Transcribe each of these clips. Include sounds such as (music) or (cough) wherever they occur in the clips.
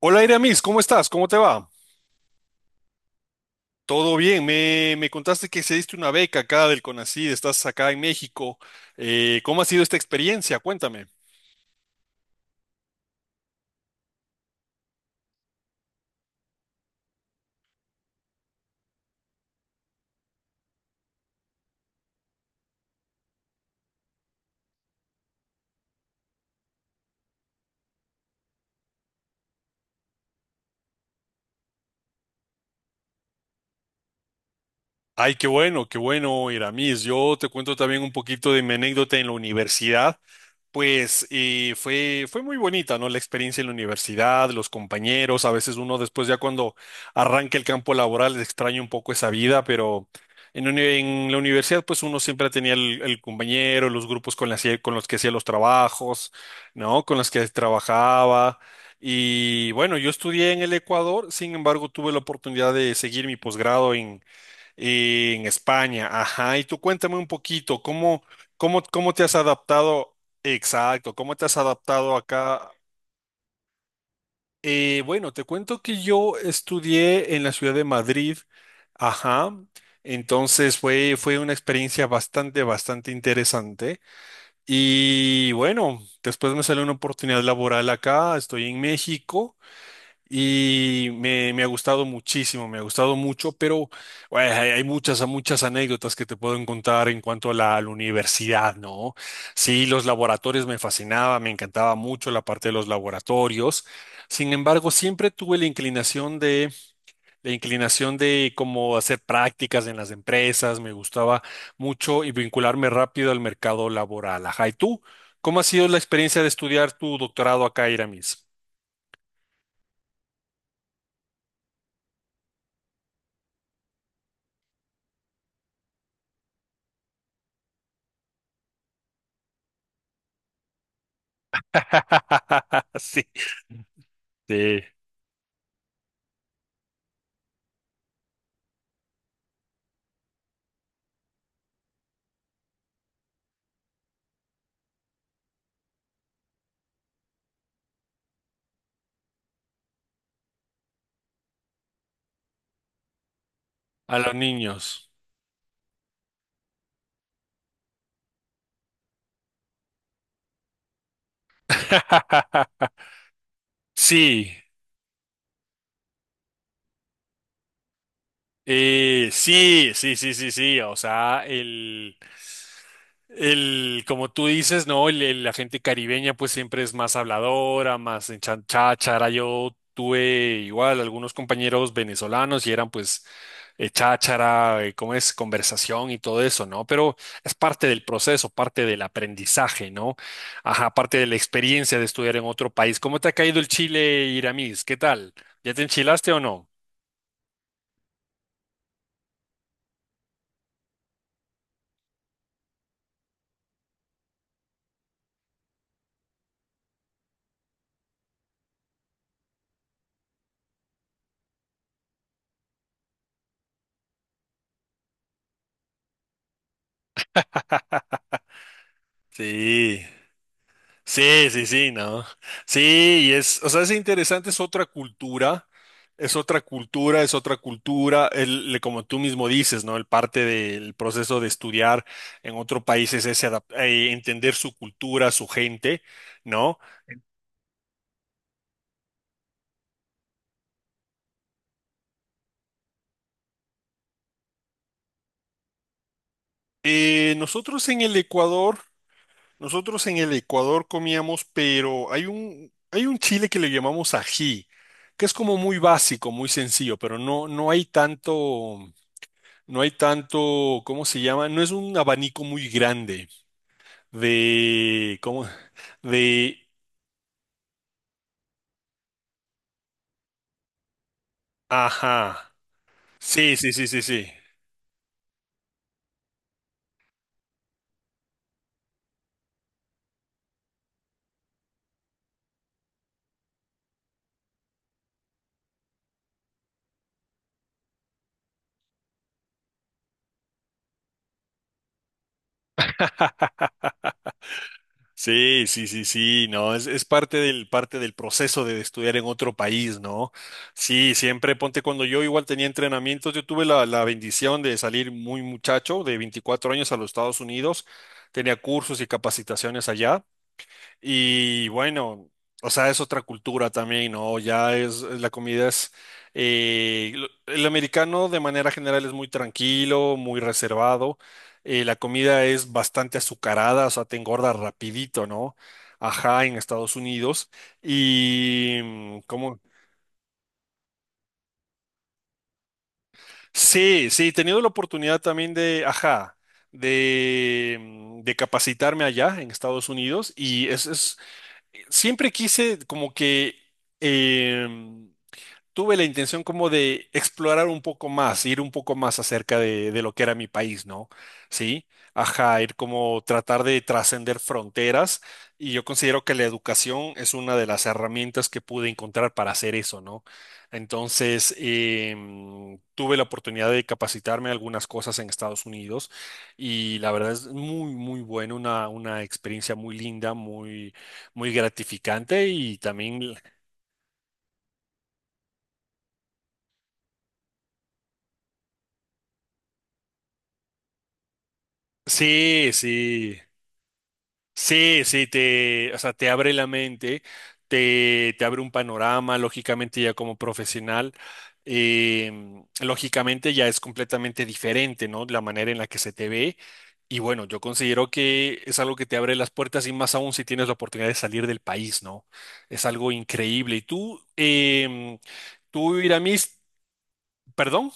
Hola Iramis, ¿cómo estás? ¿Cómo te va? Todo bien, me contaste que diste una beca acá del CONACYT, estás acá en México. ¿Cómo ha sido esta experiencia? Cuéntame. Ay, qué bueno, Iramis. Yo te cuento también un poquito de mi anécdota en la universidad. Pues fue muy bonita, ¿no? La experiencia en la universidad, los compañeros, a veces uno después ya cuando arranca el campo laboral extraña un poco esa vida, pero en la universidad pues uno siempre tenía el compañero, los grupos con los que hacía los trabajos, ¿no? Con los que trabajaba. Y bueno, yo estudié en el Ecuador, sin embargo tuve la oportunidad de seguir mi posgrado en España. Ajá, y tú cuéntame un poquito, ¿ cómo te has adaptado? Exacto, ¿cómo te has adaptado acá? Bueno, te cuento que yo estudié en la ciudad de Madrid, ajá, entonces fue una experiencia bastante interesante. Y bueno, después me salió una oportunidad laboral acá, estoy en México. Y me ha gustado muchísimo, me ha gustado mucho, pero bueno, hay muchas anécdotas que te puedo contar en cuanto a a la universidad, ¿no? Sí, los laboratorios me fascinaba, me encantaba mucho la parte de los laboratorios. Sin embargo, siempre tuve la inclinación de cómo hacer prácticas en las empresas, me gustaba mucho y vincularme rápido al mercado laboral. Ajá, ¿y tú? ¿Cómo ha sido la experiencia de estudiar tu doctorado acá, Iramis? (laughs) Sí. Sí, a los niños. (laughs) Sí, sí, sí, sí, sí, sí. O sea, el, como tú dices, ¿no? La gente caribeña pues siempre es más habladora, más cháchara. Yo tuve igual algunos compañeros venezolanos y eran pues cháchara, ¿cómo es? Conversación y todo eso, ¿no? Pero es parte del proceso, parte del aprendizaje, ¿no? Ajá, parte de la experiencia de estudiar en otro país. ¿Cómo te ha caído el Chile, Iramis? ¿Qué tal? ¿Ya te enchilaste o no? Sí. Sí, sí, sí, no. Sí, y es, o sea, es interesante, es otra cultura, es otra cultura, es otra cultura, como tú mismo dices, ¿no? El parte del proceso de estudiar en otro país es ese entender su cultura, su gente, ¿no? Nosotros en el Ecuador, nosotros en el Ecuador comíamos, pero hay un chile que le llamamos ají, que es como muy básico, muy sencillo, pero no, no hay tanto. No hay tanto, ¿cómo se llama? No es un abanico muy grande de, ¿cómo? De, ajá. Sí, sí, sí, sí, sí. Sí, sí, sí, sí, no, es parte del proceso de estudiar en otro país, ¿no? Sí, siempre ponte cuando yo igual tenía entrenamientos, yo tuve la bendición de salir muy muchacho, de 24 años a los Estados Unidos, tenía cursos y capacitaciones allá. Y bueno, o sea, es otra cultura también, ¿no? Ya es, la comida es, eh, lo- el americano de manera general es muy tranquilo, muy reservado, la comida es bastante azucarada, o sea, te engorda rapidito, ¿no? Ajá, en Estados Unidos. Y, mm, ¿cómo? Sí, sí, he tenido la oportunidad también de, ajá, de capacitarme allá en Estados Unidos y es siempre quise como que em, tuve la intención como de explorar un poco más, ir un poco más acerca de lo que era mi país, ¿no? Sí, ajá, ir como tratar de trascender fronteras y yo considero que la educación es una de las herramientas que pude encontrar para hacer eso, ¿no? Entonces, tuve la oportunidad de capacitarme en algunas cosas en Estados Unidos y la verdad es muy, muy bueno, una experiencia muy linda, muy, muy gratificante y también, sí, sí. Sí, sí, o sea, te abre la mente, te abre un panorama, lógicamente ya como profesional, lógicamente ya es completamente diferente, ¿no? La manera en la que se te ve. Y bueno, yo considero que es algo que te abre las puertas y más aún si tienes la oportunidad de salir del país, ¿no? Es algo increíble. Y tú, tú, Iramis, perdón.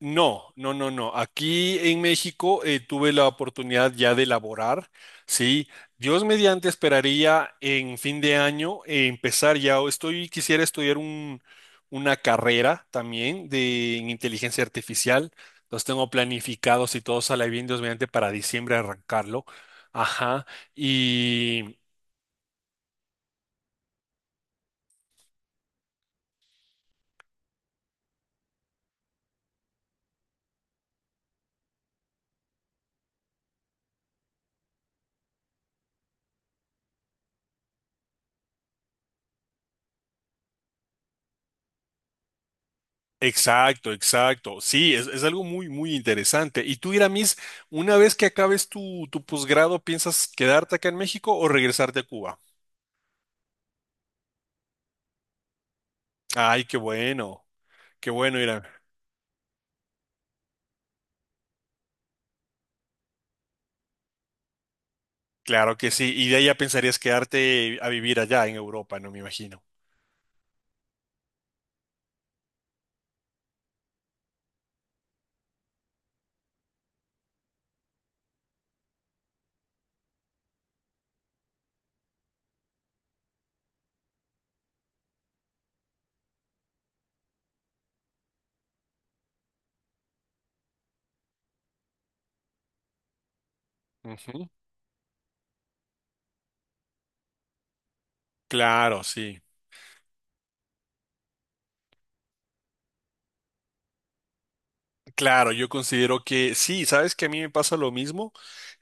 No, no, no, no. Aquí en México tuve la oportunidad ya de elaborar, ¿sí? Dios mediante esperaría en fin de año empezar ya, o estoy, quisiera estudiar una carrera también de en inteligencia artificial. Los tengo planificados y todo sale bien, Dios mediante, para diciembre arrancarlo. Ajá. Exacto, exacto. Sí, es algo muy, muy interesante. Y tú, Iramis, una vez que acabes tu posgrado, ¿piensas quedarte acá en México o regresarte a Cuba? Ay, qué bueno, Iram. Claro que sí. Y de ahí ya pensarías quedarte a vivir allá en Europa, no me imagino. Ujú. Claro, sí. Claro, yo considero que sí, sabes que a mí me pasa lo mismo.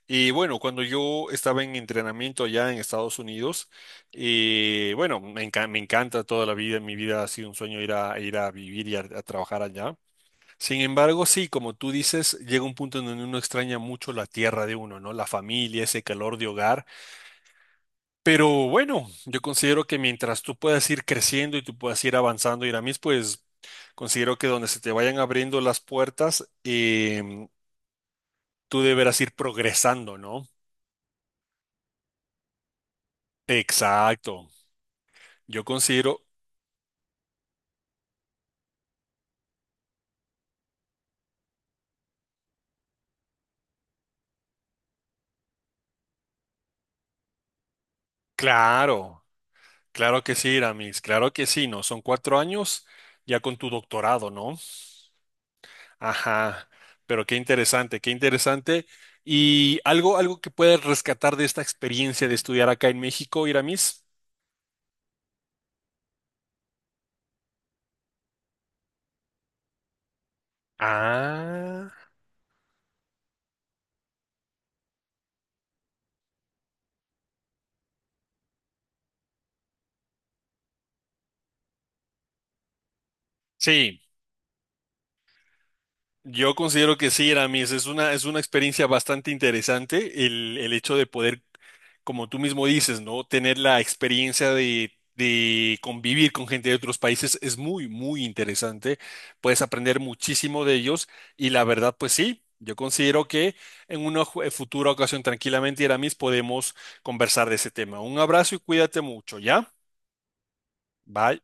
Y bueno, cuando yo estaba en entrenamiento allá en Estados Unidos, bueno, me encanta toda la vida, mi vida ha sido un sueño ir ir a vivir y a trabajar allá. Sin embargo, sí, como tú dices, llega un punto en donde uno extraña mucho la tierra de uno, ¿no? La familia, ese calor de hogar. Pero bueno, yo considero que mientras tú puedas ir creciendo y tú puedas ir avanzando, Iramis, pues considero que donde se te vayan abriendo las puertas, tú deberás ir progresando, ¿no? Exacto. Yo considero, claro, claro que sí, Iramis, claro que sí, ¿no? Son cuatro años ya con tu doctorado, ¿no? Ajá, pero qué interesante, qué interesante. ¿Y algo, algo que puedes rescatar de esta experiencia de estudiar acá en México, Iramis? Ah, sí. Yo considero que sí, Aramis, es una experiencia bastante interesante el hecho de poder, como tú mismo dices, ¿no? Tener la experiencia de convivir con gente de otros países es muy, muy interesante. Puedes aprender muchísimo de ellos y la verdad, pues sí, yo considero que en una futura ocasión tranquilamente, Aramis, podemos conversar de ese tema. Un abrazo y cuídate mucho, ¿ya? Bye.